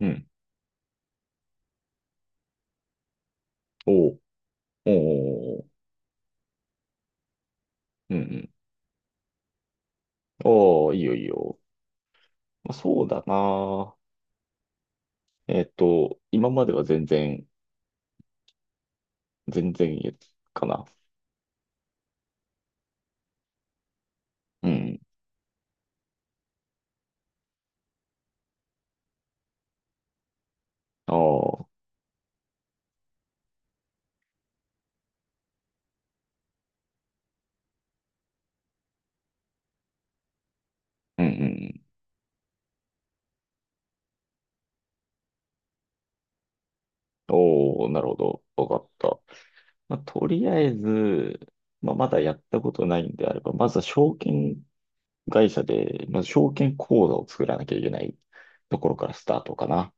うん。おうおうおうおううんうん。おお、いいよいいよ。まあ、そうだな。今までは全然かな。うん。ああ、うんうん。おお、なるほど。わかった。まあ、とりあえず、まあ、まだやったことないんであれば、まずは証券会社で、まず証券口座を作らなきゃいけないところからスタートかな。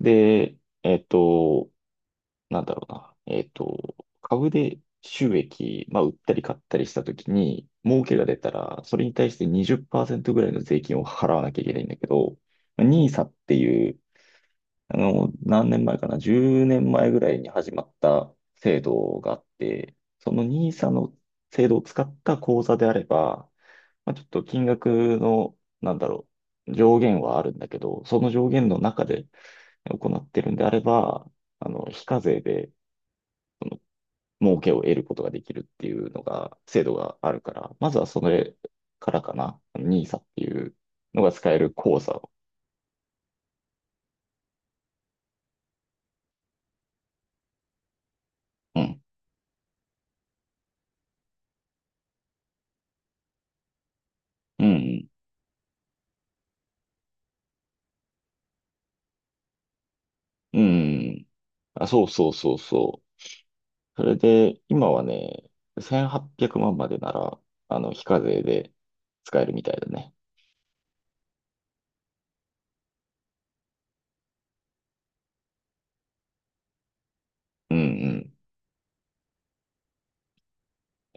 で、えっと、なんだろうな、株で収益、まあ、売ったり買ったりしたときに、儲けが出たら、それに対して20%ぐらいの税金を払わなきゃいけないんだけど、まあニーサっていう、何年前かな、10年前ぐらいに始まった制度があって、そのニーサの制度を使った口座であれば、まあ、ちょっと金額の、なんだろう、上限はあるんだけど、その上限の中で行ってるんであれば、非課税で、儲けを得ることができるっていうのが、制度があるから、まずはそれからかな。ニーサっていうのが使える口座を。うん。うん。うん。あ、そうそうそうそう。それで、今はね、1800万までなら、非課税で使えるみたいだね。うんう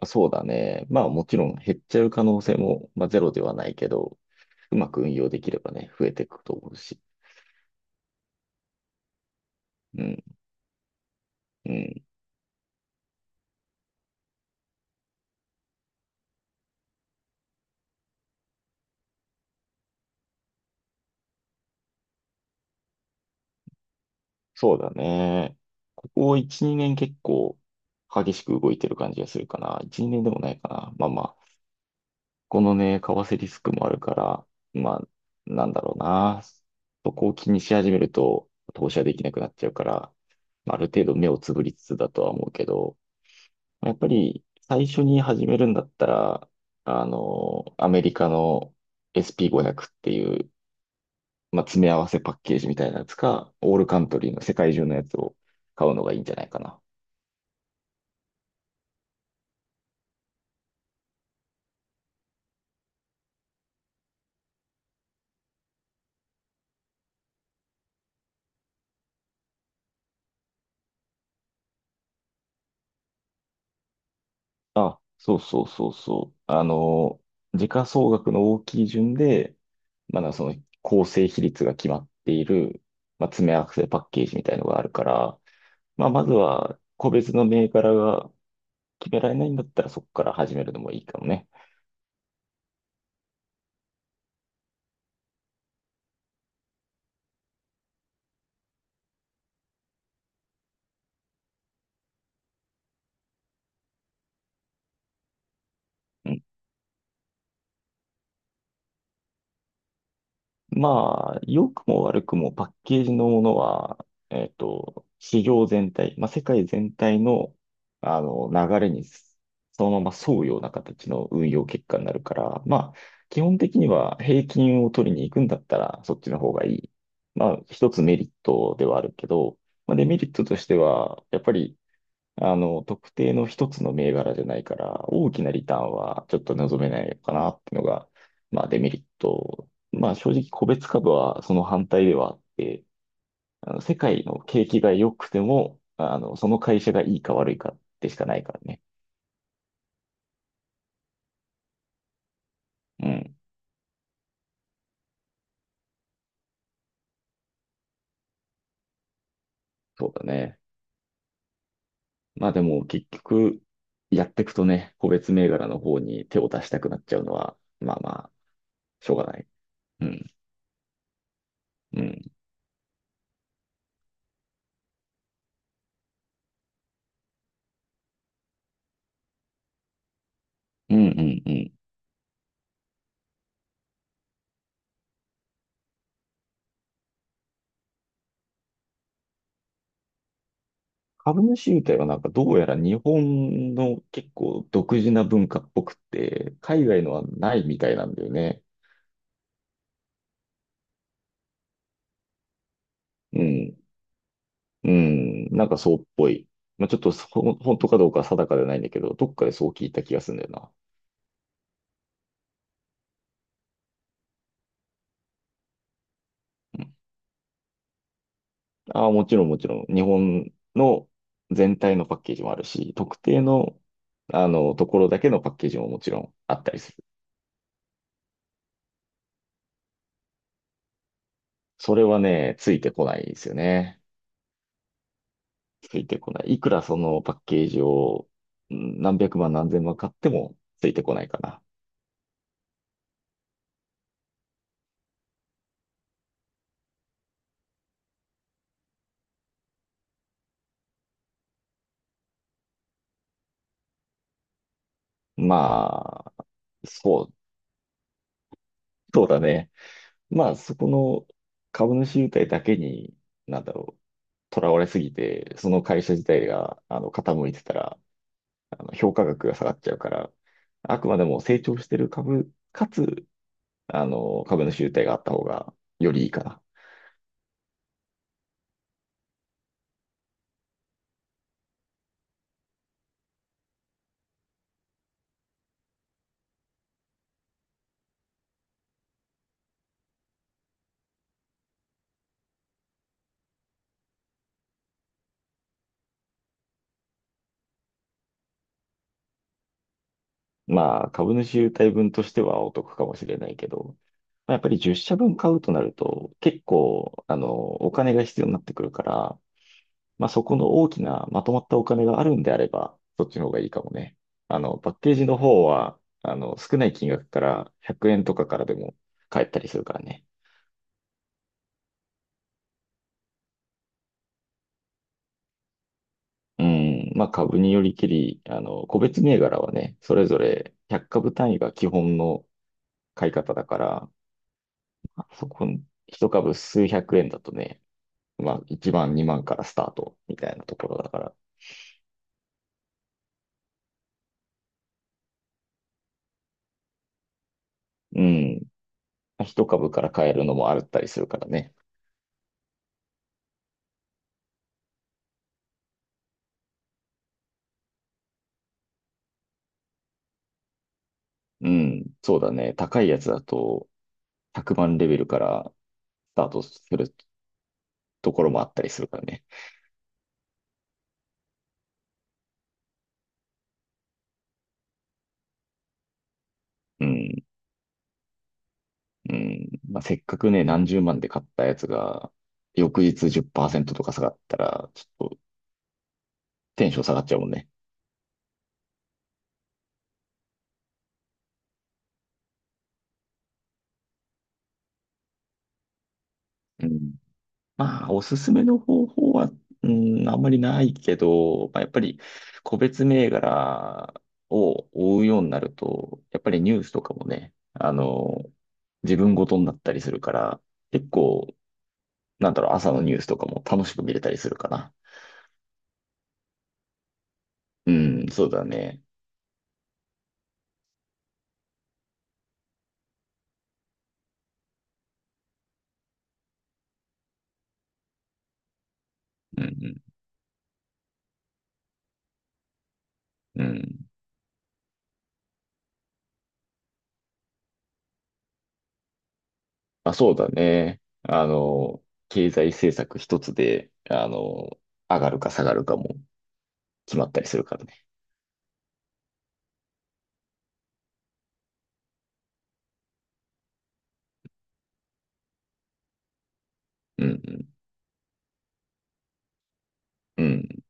ん。そうだね。まあもちろん減っちゃう可能性も、まあ、ゼロではないけど、うまく運用できればね、増えていくと思うし。うん、うん。そうだね。ここ1、2年結構激しく動いてる感じがするかな。1、2年でもないかな。まあまあ、このね、為替リスクもあるから、まあ、なんだろうな。そこを気にし始めると投資はできなくなっちゃうから、まあ、ある程度目をつぶりつつだとは思うけど、やっぱり最初に始めるんだったら、アメリカの SP500 っていうまあ、詰め合わせパッケージみたいなやつか、オールカントリーの世界中のやつを買うのがいいんじゃないかな。あ、そうそうそうそう。時価総額の大きい順で、まだその構成比率が決まっている、まあ、詰め合わせパッケージみたいのがあるから、まあ、まずは個別の銘柄が決められないんだったらそこから始めるのもいいかもね。うんまあ、良くも悪くもパッケージのものは、市場全体、まあ、世界全体の、流れにそのまま沿うような形の運用結果になるから、まあ、基本的には平均を取りに行くんだったら、そっちの方がいい。まあ、一つメリットではあるけど、まあ、デメリットとしては、やっぱり特定の一つの銘柄じゃないから、大きなリターンはちょっと望めないのかなっていうのが、まあデメリット。まあ正直個別株はその反対ではあって、世界の景気が良くても、その会社がいいか悪いかでしかないからね。うん、そうだね。まあでも結局、やっていくとね、個別銘柄の方に手を出したくなっちゃうのは、まあまあ、しょうがない。うん、うん、うん、うん、うん。株主優待はなんかどうやら日本の結構独自な文化っぽくて、海外のはないみたいなんだよね。うん。うん。なんかそうっぽい。まあ、ちょっとそほん本当かどうかは定かではないんだけど、どっかでそう聞いた気がするんだよな。うん。ああ、もちろんもちろん。日本の全体のパッケージもあるし、特定の、ところだけのパッケージももちろんあったりする。それはね、ついてこないですよね。ついてこない。いくらそのパッケージをうん何百万何千万買ってもついてこないかな。まあ、そう、そうだね。まあ、そこの株主優待だけに、なんだろう、囚われすぎて、その会社自体が傾いてたら、評価額が下がっちゃうから、あくまでも成長してる株、かつ、株主優待があった方がよりいいかな。まあ、株主優待分としてはお得かもしれないけど、まあ、やっぱり10社分買うとなると、結構、お金が必要になってくるから、まあ、そこの大きなまとまったお金があるんであれば、そっちの方がいいかもね。パッケージの方は、少ない金額から100円とかからでも買えたりするからね。うん、まあ、株によりけり、個別銘柄はね、それぞれ100株単位が基本の買い方だから、そこ、一株数百円だとね、まあ、1万、2万からスタートみたいなところだから。うん。一株から買えるのもあったりするからね。うん。そうだね。高いやつだと、100万レベルからスタートするところもあったりするからね。うん。うん。まあ、せっかくね、何十万で買ったやつが、翌日10%とか下がったら、ちょっとテンション下がっちゃうもんね。うんまあ、おすすめの方法は、うん、あんまりないけど、まあ、やっぱり個別銘柄を追うようになると、やっぱりニュースとかもね、自分ごとになったりするから、結構、なんだろう、朝のニュースとかも楽しく見れたりするかな。うん、そうだね。うん、うん。うんまあ、そうだね。経済政策一つで、上がるか下がるかも決まったりするからね。うん、うん、うん。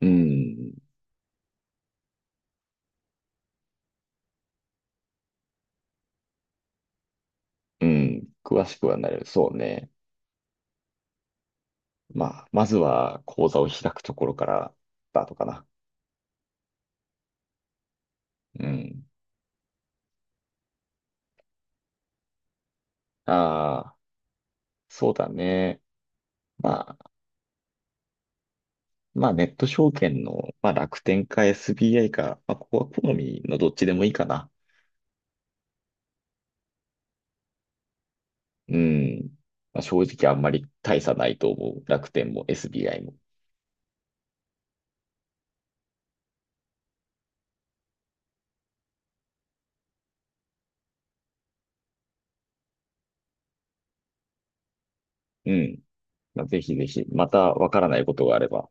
うんうん、詳しくはなる。そうね。まあ、まずは講座を開くところからだとかな。うん。ああ、そうだね。まあ、まあ、ネット証券の、まあ、楽天か SBI か、まあ、ここは好みのどっちでもいいかな。うん。まあ、正直あんまり大差ないと思う。楽天も SBI も。うん。まあ、ぜひぜひ、またわからないことがあれば。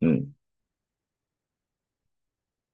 うん。